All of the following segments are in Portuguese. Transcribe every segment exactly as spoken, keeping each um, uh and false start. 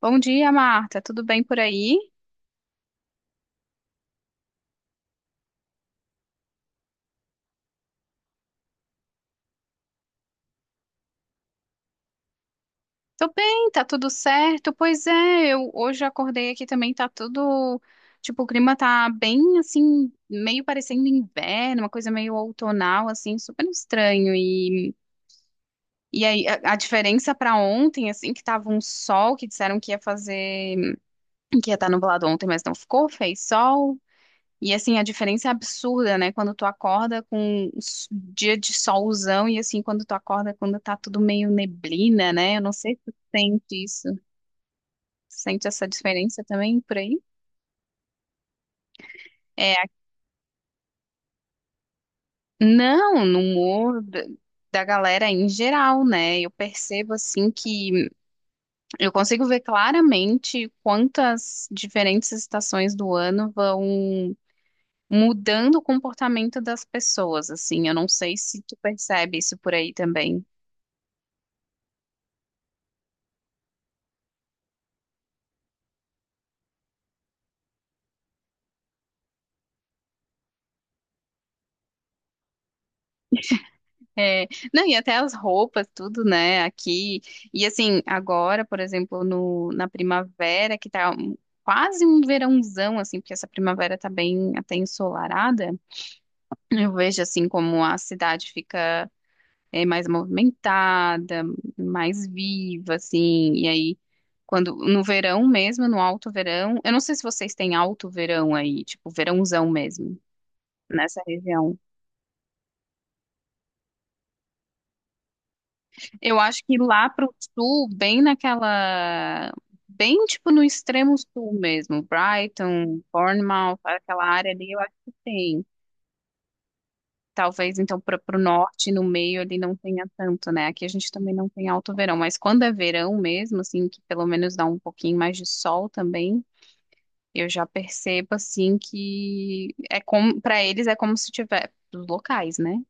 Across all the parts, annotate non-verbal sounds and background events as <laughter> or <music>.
Bom dia, Marta. Tudo bem por aí? Tô bem, tá tudo certo. Pois é, eu hoje acordei aqui também, tá tudo, tipo, o clima tá bem assim, meio parecendo inverno, uma coisa meio outonal assim, super estranho. E e aí a, a diferença pra ontem, assim, que tava um sol que disseram que ia fazer, que ia estar nublado ontem, mas não ficou, fez sol. E assim, a diferença é absurda, né? Quando tu acorda com s- dia de solzão e assim, quando tu acorda quando tá tudo meio neblina, né? Eu não sei se tu sente isso. Sente essa diferença também por aí? É, a- não, no humor da da galera em geral, né? Eu percebo assim que eu consigo ver claramente quantas diferentes estações do ano vão mudando o comportamento das pessoas, assim. Eu não sei se tu percebe isso por aí também. É, não, e até as roupas, tudo, né, aqui. E assim, agora, por exemplo, no, na primavera, que tá um- quase um verãozão, assim, porque essa primavera tá bem até ensolarada, eu vejo, assim, como a cidade fica é, mais movimentada, mais viva, assim, e aí, quando, no verão mesmo, no alto verão, eu não sei se vocês têm alto verão aí, tipo, verãozão mesmo, nessa região. Eu acho que lá pro sul, bem naquela. Bem tipo no extremo sul mesmo, Brighton, Bournemouth, aquela área ali, eu acho que tem. Talvez então para o norte, no meio ali não tenha tanto, né? Aqui a gente também não tem alto verão, mas quando é verão mesmo, assim, que pelo menos dá um pouquinho mais de sol também, eu já percebo assim que é como para eles é como se tiver dos locais, né?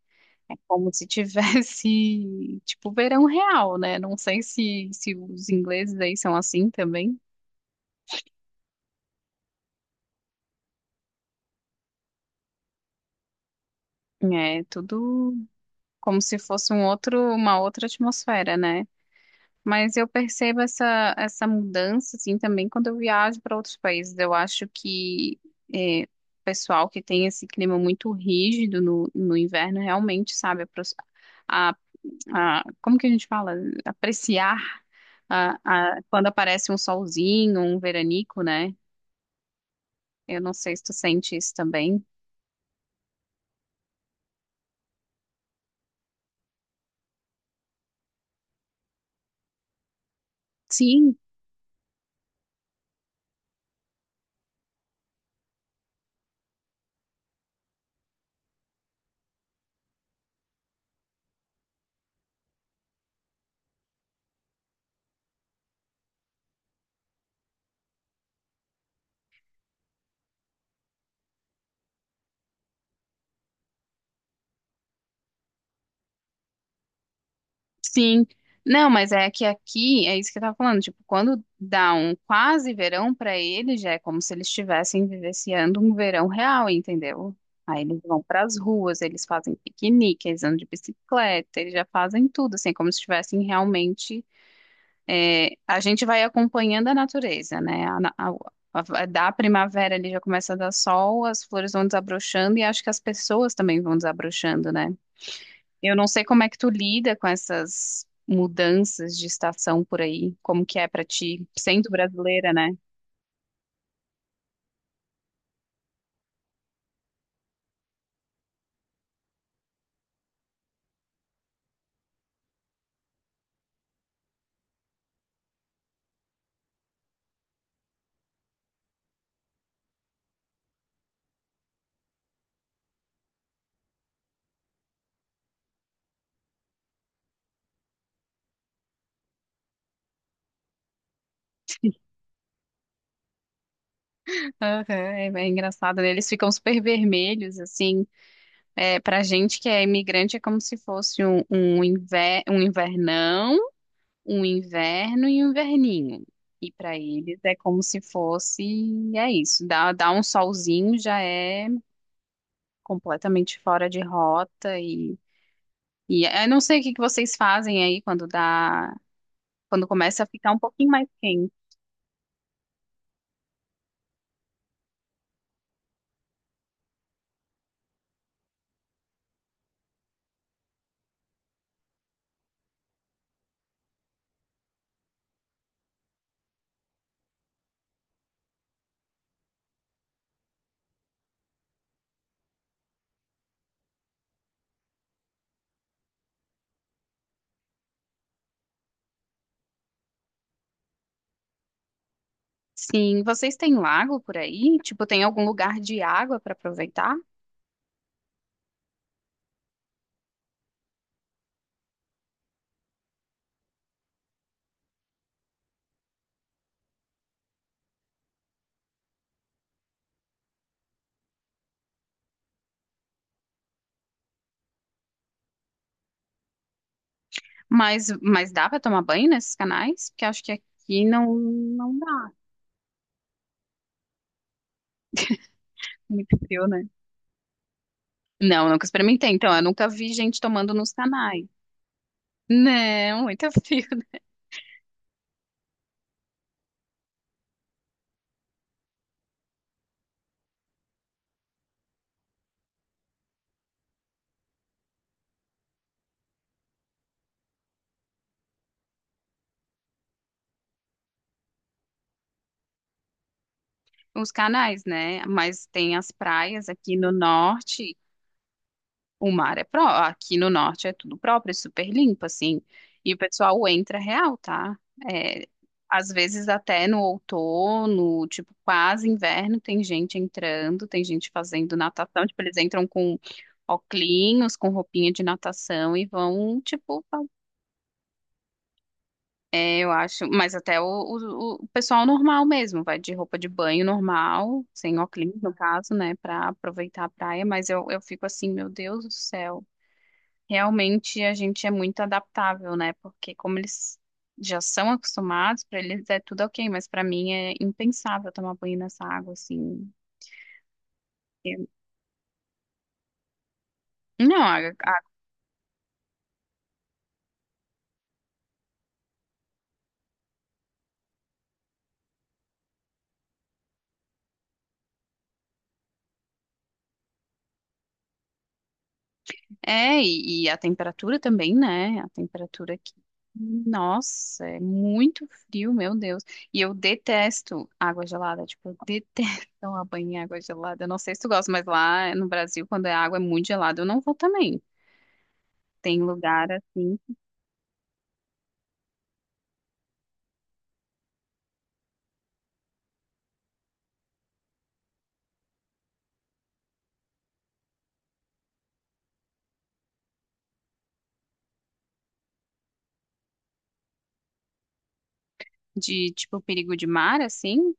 É como se tivesse, <laughs> tipo, verão real, né? Não sei se, se os ingleses aí são assim também. É tudo como se fosse um outro, uma outra atmosfera, né? Mas eu percebo essa, essa mudança, assim, também quando eu viajo para outros países. Eu acho que é, o pessoal que tem esse clima muito rígido no, no inverno realmente sabe apro- a, a- como que a gente fala? Apreciar a, a- quando aparece um solzinho, um veranico, né? Eu não sei se tu sente isso também. Sim, sim. Não, mas é que aqui, é isso que eu tava falando, tipo, quando dá um quase verão pra eles, já é como se eles estivessem vivenciando um verão real, entendeu? Aí eles vão pras ruas, eles fazem piquenique, eles andam de bicicleta, eles já fazem tudo, assim, é como se estivessem realmente. É, a gente vai acompanhando a natureza, né? A, na- a, a- Da primavera ali já começa a dar sol, as flores vão desabrochando e acho que as pessoas também vão desabrochando, né? Eu não sei como é que tu lida com essas mudanças de estação por aí, como que é pra ti, sendo brasileira, né? Aham, é, é engraçado, né? Eles ficam super vermelhos, assim. É, pra gente que é imigrante é como se fosse um, um, inver, um invernão, um inverno e um inverninho. E pra eles é como se fosse, é isso, dá, dá um solzinho já é completamente fora de rota e E eu não sei o que que vocês fazem aí quando dá quando começa a ficar um pouquinho mais quente. Sim, vocês têm lago por aí? Tipo, tem algum lugar de água para aproveitar? Mas, mas dá para tomar banho nesses canais? Porque acho que aqui não, não dá. Muito frio, né? Não, nunca experimentei. Então, eu nunca vi gente tomando nos canais. Não, muito frio. <laughs> Os canais, né? Mas tem as praias aqui no norte. O mar é próprio. Aqui no norte é tudo próprio, é super limpo, assim. E o pessoal entra real, tá? É, às vezes até no outono, tipo, quase inverno, tem gente entrando, tem gente fazendo natação. Tipo, eles entram com oclinhos, com roupinha de natação e vão, tipo, fa- é, eu acho. Mas até o, o, o pessoal normal mesmo, vai de roupa de banho normal, sem oclinhos, no caso, né, pra aproveitar a praia. Mas eu, eu fico assim, meu Deus do céu. Realmente a gente é muito adaptável, né? Porque como eles já são acostumados, para eles é tudo ok, mas para mim é impensável tomar banho nessa água assim. Eu- Não, a, a- É, e, e a temperatura também, né? A temperatura aqui. Nossa, é muito frio, meu Deus. E eu detesto água gelada, tipo, eu detesto <laughs> tomar banho em água gelada. Eu não sei se tu gosta, mas lá no Brasil, quando a água é muito gelada, eu não vou também. Tem lugar assim de tipo perigo de mar, assim.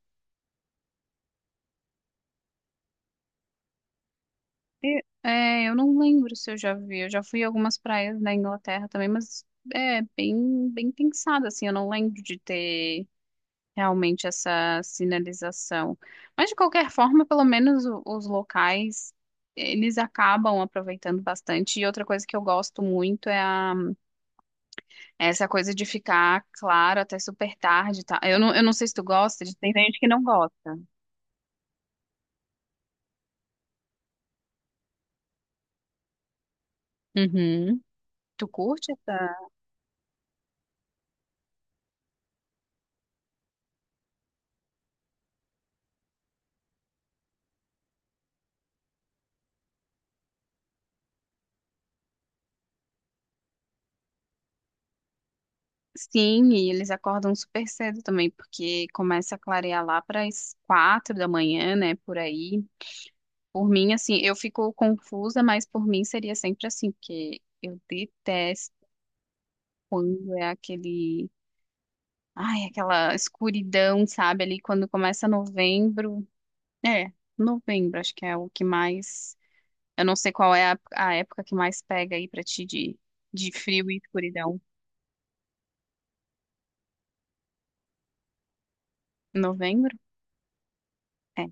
E- É, eu não lembro se eu já vi. Eu já fui em algumas praias da Inglaterra também, mas é bem, bem pensada, assim. Eu não lembro de ter realmente essa sinalização. Mas, de qualquer forma, pelo menos o- os locais, eles acabam aproveitando bastante. E outra coisa que eu gosto muito é a, é essa coisa de ficar claro até super tarde, tá? Eu não, eu não sei se tu gosta, de- tem gente que não gosta. Uhum. Tu curte essa? Sim, e eles acordam super cedo também, porque começa a clarear lá para as quatro da manhã, né? Por aí. Por mim, assim, eu fico confusa, mas por mim seria sempre assim, porque eu detesto quando é aquele. Ai, aquela escuridão, sabe? Ali quando começa novembro. É, novembro, acho que é o que mais. Eu não sei qual é a, a época que mais pega aí pra ti de, de frio e escuridão. Novembro? É.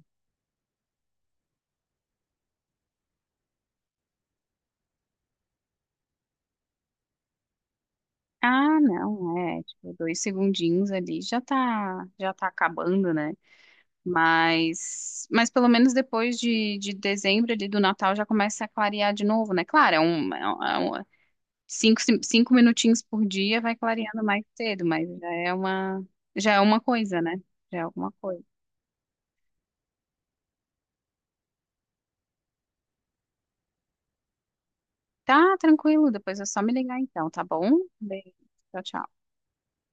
Ah, não, é, tipo, dois segundinhos ali já tá, já tá acabando, né? Mas, mas pelo menos depois de, de dezembro ali do Natal já começa a clarear de novo, né? Claro, é um, é um- é um- cinco, cinco minutinhos por dia vai clareando mais cedo, mas já é uma, já é uma coisa, né? Já é alguma coisa. Tá, tranquilo, depois é só me ligar então, tá bom? Beijo, tchau, tchau.